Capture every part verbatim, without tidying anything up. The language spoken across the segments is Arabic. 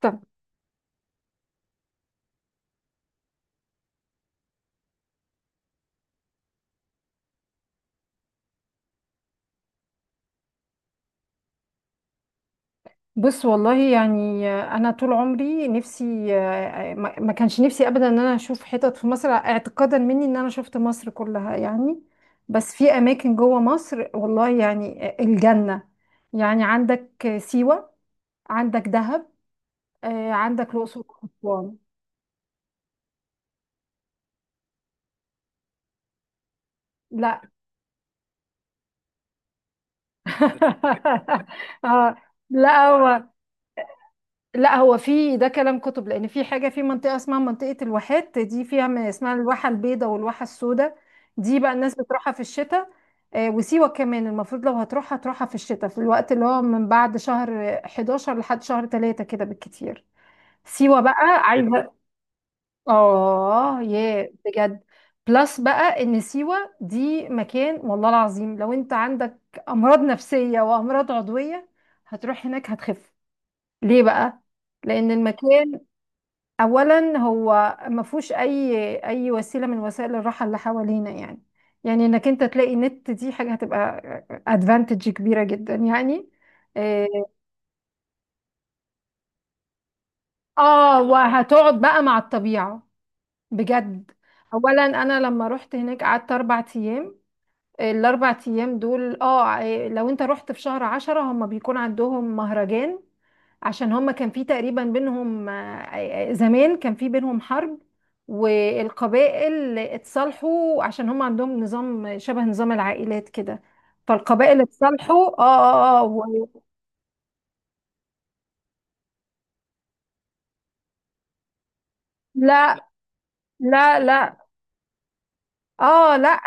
طب، بص والله يعني انا طول عمري نفسي، ما ما كانش نفسي ابدا ان انا اشوف حتت في مصر، اعتقادا مني ان انا شفت مصر كلها يعني. بس في اماكن جوه مصر والله يعني الجنة. يعني عندك سيوة، عندك دهب، آه، عندك الاقصر واسوان. لا، اه، لا هو، لا هو في ده كلام كتب، لان في حاجه في منطقه اسمها منطقه الواحات دي فيها ما اسمها الواحه البيضاء والواحه السوداء. دي بقى الناس بتروحها في الشتاء. آه، وسيوه كمان المفروض لو هتروحها تروحها في الشتاء، في الوقت اللي هو من بعد شهر حداشر لحد شهر ثلاثة كده بالكتير. سيوه بقى إيه ده؟ عايزه، اه يا بجد. بلس بقى ان سيوه دي مكان، والله العظيم لو انت عندك امراض نفسيه وامراض عضويه هتروح هناك هتخف. ليه بقى؟ لان المكان اولا هو ما فيهوش اي اي وسيله من وسائل الراحه اللي حوالينا يعني. يعني انك انت تلاقي نت، دي حاجه هتبقى ادفانتج كبيره جدا يعني. إيه، اه وهتقعد بقى مع الطبيعه بجد. اولا انا لما رحت هناك قعدت اربع ايام. الاربع ايام دول اه، إيه، لو انت رحت في شهر عشرة هم بيكون عندهم مهرجان. عشان هم كان في تقريبا بينهم، آه، آه، زمان كان في بينهم حرب، والقبائل اتصالحوا، عشان هم عندهم نظام شبه نظام العائلات كده. فالقبائل اتصالحوا، اه اه اه و-، لا لا لا، اه لا،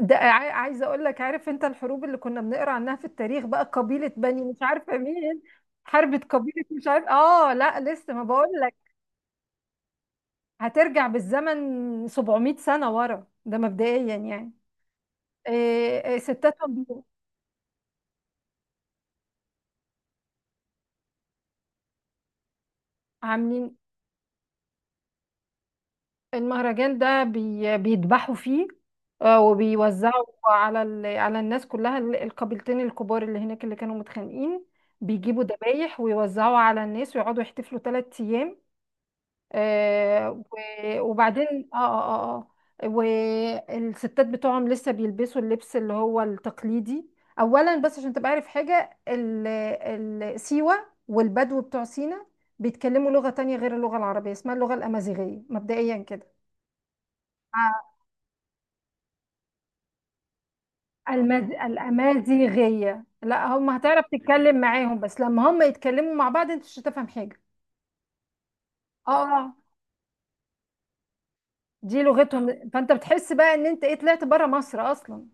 ده عا- عايزه اقول لك، عارف انت الحروب اللي كنا بنقرا عنها في التاريخ؟ بقى قبيله بني مش عارفه مين حربه قبيله مش عارف، اه لا لسه ما بقول لك، هترجع بالزمن سبعمئة سنه ورا، ده مبدئيا يعني. إيه إيه، ستاتهم بي- عاملين المهرجان ده، بي بيذبحوا فيه، آه، وبيوزعوا على ال... على الناس كلها، ال- القبيلتين الكبار اللي هناك اللي كانوا متخانقين. بيجيبوا ذبايح ويوزعوا على الناس ويقعدوا يحتفلوا ثلاث ايام، آه، و- وبعدين اه اه اه اه. والستات بتوعهم لسه بيلبسوا اللبس اللي هو التقليدي. اولا بس عشان تبقى عارف حاجة، ال- ال- سيوة والبدو بتوع سينا بيتكلموا لغة تانية غير اللغة العربية، اسمها اللغة الأمازيغية، مبدئيا كده. آه، المز... الأمازيغية، لا هم هتعرف تتكلم معاهم، بس لما هم يتكلموا مع بعض انت مش هتفهم حاجة. اه. آه، دي لغتهم، فانت بتحس بقى ان انت ايه، طلعت بره مصر اصلا،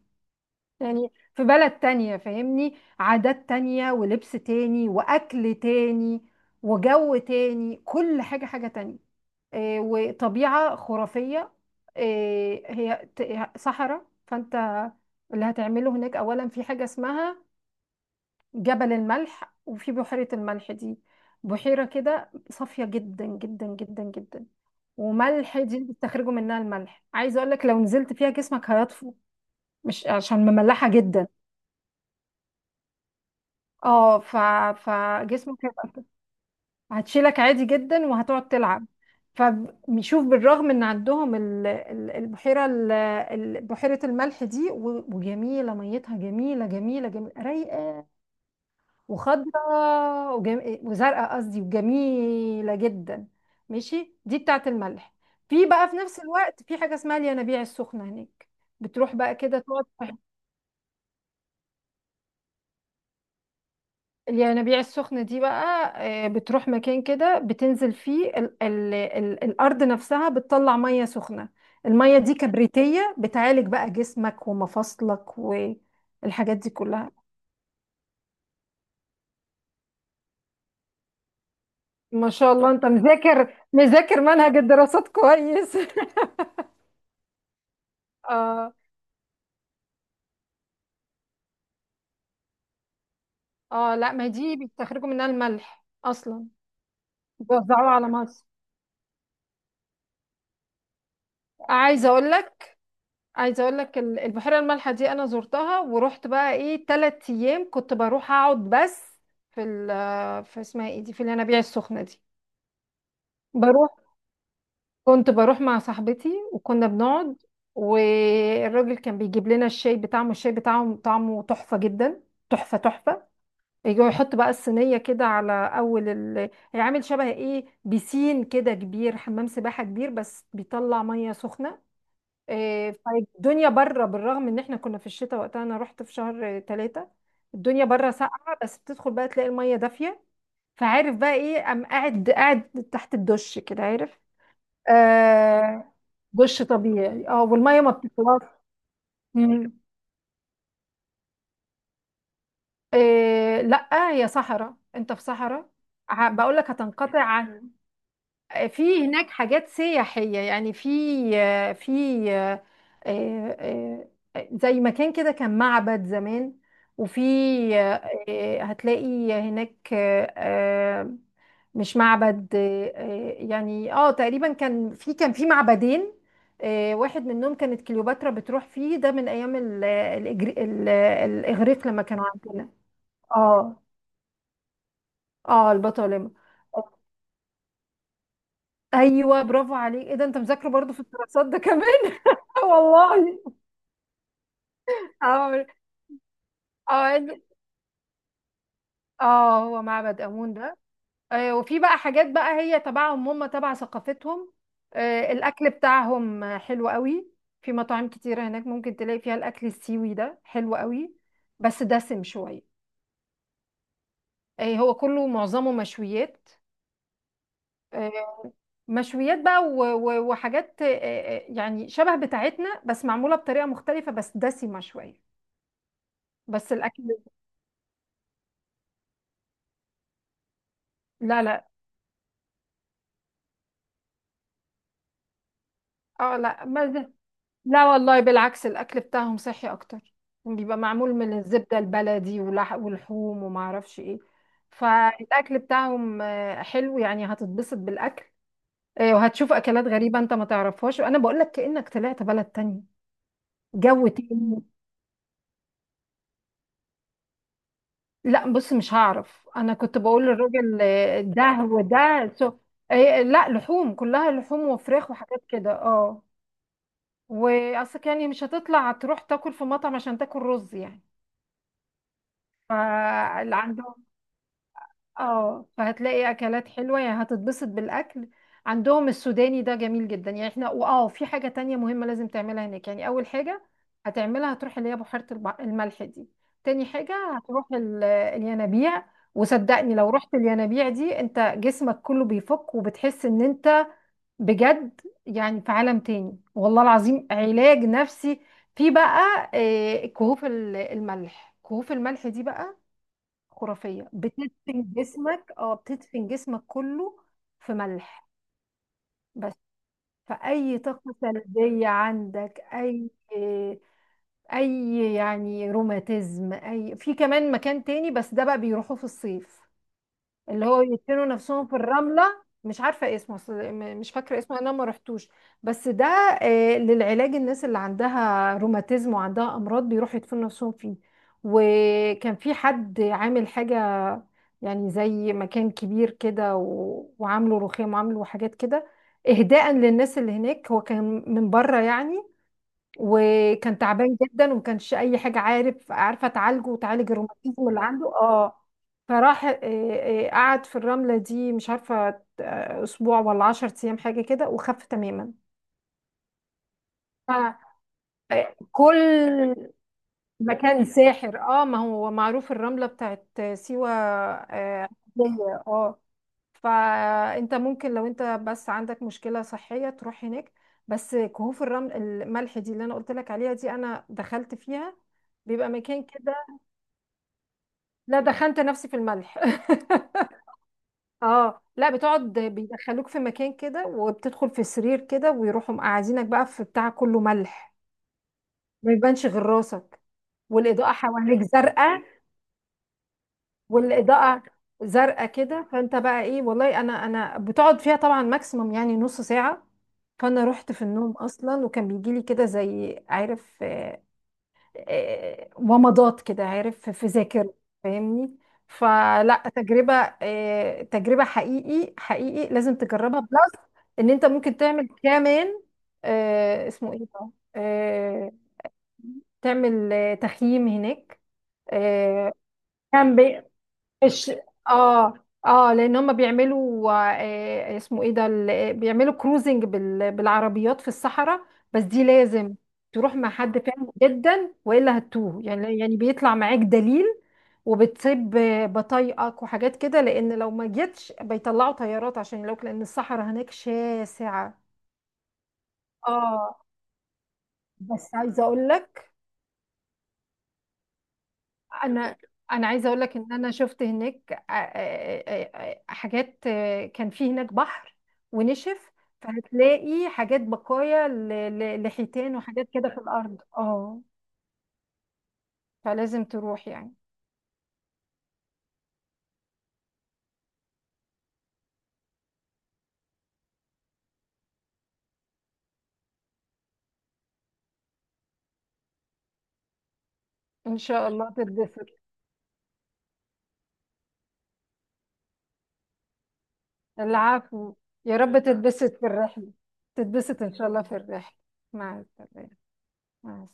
يعني في بلد تانية، فاهمني؟ عادات تانية ولبس تاني وأكل تاني وجو تاني، كل حاجة حاجة تانية. إيه، وطبيعة خرافية. إيه هي ت- صحراء، فأنت اللي هتعمله هناك أولا في حاجة اسمها جبل الملح، وفي بحيرة الملح دي. بحيرة كده صافية جدا جدا جدا جدا، وملح، دي بتستخرجوا منها الملح. عايزة أقولك، لو نزلت فيها جسمك هيطفو، مش عشان مملحة جدا. اه، ف... فجسمك هيبقى، هتشيلك عادي جدا وهتقعد تلعب. فبيشوف بالرغم ان عندهم ال- ال- البحيره، ال- ال- بحيره الملح دي، و- وجميله، ميتها جميله جميله جميله رايقه وخضراء، وجم... وزرقاء قصدي، وجميله جدا. ماشي، دي بتاعت الملح. في بقى، في نفس الوقت، في حاجه اسمها الينابيع السخنه هناك، بتروح بقى كده تقعد. الينابيع السخنة دي بقى، آه، بتروح مكان كده بتنزل فيه، ال ال ال الأرض نفسها بتطلع مية سخنة. المية دي كبريتية، بتعالج بقى جسمك ومفاصلك والحاجات دي كلها. ما شاء الله انت مذاكر مذاكر منهج الدراسات كويس. اه، اه لا، ما دي بيستخرجوا منها الملح اصلا، بيوزعوه على مصر. عايزه اقول لك، عايزه اقول لك ال- البحيره المالحه دي انا زرتها، ورحت بقى ايه تلات ايام، كنت بروح اقعد بس في ال في اسمها ايه دي، في الينابيع السخنه دي. بروح كنت بروح مع صاحبتي وكنا بنقعد، والراجل كان بيجيب لنا الشاي بتاعهم. الشاي بتاعهم طعمه تحفه جدا، تحفه تحفه. يجي يحط بقى الصينيه كده على اول ال... هي عامل شبه ايه، بيسين كده كبير، حمام سباحه كبير بس بيطلع ميه سخنه. إيه، فالدنيا بره، بالرغم ان احنا كنا في الشتاء وقتها، انا رحت في شهر ثلاثة، الدنيا بره ساقعة، بس بتدخل بقى تلاقي المية دافية. فعارف بقى ايه؟ قام قاعد قاعد تحت الدش كده، عارف؟ آه. دش طبيعي، اه والمية ما بتطلعش. مم. إيه لا، هي صحراء، انت في صحراء. بقول لك هتنقطع. آه، في هناك حاجات سياحية يعني، في آه، في آه، آه، آه، زي مكان كده كان معبد زمان. وفي آه، آه، هتلاقي هناك، آه، آه، مش معبد، آه، آه، يعني اه تقريبا كان في، كان في معبدين. آه، واحد منهم كانت كليوباترا بتروح فيه، ده من ايام ال- الإجري- ال- الاغريق لما كانوا عندنا. اه، اه البطالمة. ايوه برافو عليك، ايه ده؟ انت مذاكره برضو في الدراسات ده كمان. آه والله. اه اه اه، هو معبد امون ده. آه، وفي بقى حاجات بقى هي تبعهم، هم تبع ثقافتهم. آه، الاكل بتاعهم آه، حلو قوي. في مطاعم كتيره هناك ممكن تلاقي فيها الاكل السيوي ده، حلو قوي بس دسم شويه. آه، هو كله معظمه مشويات. آه، مشويات بقى و- و- وحاجات، آه، آه، يعني شبه بتاعتنا بس معموله بطريقه مختلفه، بس دسمه شويه. بس الاكل، لا لا اه لا ما، لا والله بالعكس، الاكل بتاعهم صحي اكتر يعني، بيبقى معمول من الزبده البلدي ولح ولحوم وما اعرفش ايه. فالاكل بتاعهم آه، حلو يعني، هتتبسط بالاكل. آه، وهتشوف اكلات غريبه انت ما تعرفهاش، وانا بقول لك كانك طلعت بلد تانية، جو تاني. لا بص، مش هعرف، انا كنت بقول للراجل، آه، ده وده سو، آه، لا لحوم، كلها لحوم وفراخ وحاجات كده، اه واصل يعني. مش هتطلع تروح تاكل في مطعم عشان تاكل رز يعني. فاللي، اه فهتلاقي اكلات حلوه يعني، هتتبسط بالاكل. عندهم السوداني ده جميل جدا يعني، احنا، واه في حاجه تانية مهمه لازم تعملها هناك. يعني اول حاجه هتعملها هتروح اللي هي بحيره الب- الملح دي. تاني حاجه هتروح ال- الينابيع، وصدقني لو رحت الينابيع دي انت جسمك كله بيفك، وبتحس ان انت، بجد يعني في عالم تاني، والله العظيم علاج نفسي. في بقى آه، كهوف ال- الملح، كهوف الملح دي بقى خرافية، بتدفن جسمك، اه بتدفن جسمك كله في ملح بس. فأي طاقة سلبية عندك، أي، أي يعني روماتيزم، أي. في كمان مكان تاني بس ده بقى بيروحوا في الصيف، اللي هو يدفنوا نفسهم في الرملة. مش عارفة اسمه، أصل- م- مش فاكرة اسمه، انا ما رحتوش. بس ده آه، للعلاج، الناس اللي عندها روماتيزم وعندها امراض بيروحوا يدفنوا نفسهم فيه. وكان في حد عامل حاجة، يعني زي مكان كبير كده، و- وعامله رخام وعامله حاجات كده، اهداء للناس اللي هناك. هو كان من بره يعني، وكان تعبان جدا وما كانش اي حاجه عارف عارفه تعالجه وتعالج الروماتيزم اللي عنده، اه. فراح، آه، آه، قعد في الرمله دي، مش عارفه، آه، اسبوع ولا عشر ايام حاجه كده، وخف تماما. ف- آه، كل مكان ساحر، اه ما هو معروف الرمله بتاعت سيوه، اه علاجية، آه. فانت ممكن لو انت بس عندك مشكلة صحية تروح هناك. بس كهوف الرمل الملح دي اللي انا قلت لك عليها، دي انا دخلت فيها، بيبقى مكان كده. لا، دخلت نفسي في الملح. اه لا، بتقعد، بيدخلوك في مكان كده، وبتدخل في سرير كده ويروحوا مقعدينك بقى في بتاع كله ملح، ما يبانش غير راسك، والاضاءة حواليك زرقاء. والاضاءه زرقاء كده، فانت بقى ايه، والله انا انا بتقعد فيها طبعا ماكسيموم يعني نص ساعه. فانا رحت في النوم اصلا، وكان بيجي لي كده زي، عارف، آه، آه، ومضات كده، عارف، في في ذاكرة، فاهمني؟ فلا، تجربة، آه، تجربة حقيقي حقيقي لازم تجربها بلس، ان انت ممكن تعمل كمان، آه، اسمه ايه ده، آه، تعمل آه، تخييم هناك، آه، كامب، مش، اه اه، لان هم بيعملوا، آه اسمه ايه ده، ال- بيعملوا كروزنج بال... بالعربيات في الصحراء. بس دي لازم تروح مع حد فاهم جدا والا هتوه يعني، يعني بيطلع معاك دليل، وبتسيب بطايقك وحاجات كده، لان لو ما جيتش بيطلعوا طيارات، عشان لو، لان الصحراء هناك شاسعة. اه. بس عايزه اقول لك، انا انا عايزه اقول لك ان انا شفت هناك، آه، آه، آه، حاجات، آه، كان في هناك بحر ونشف، فهتلاقي حاجات بقايا ل- ل- لحيتان وحاجات كده في الارض، اه، فلازم تروح يعني. ان شاء الله تتبسط. العفو. يا رب تتبسط في الرحله، تتبسط ان شاء الله في الرحله. مع السلامه، مع السلامه.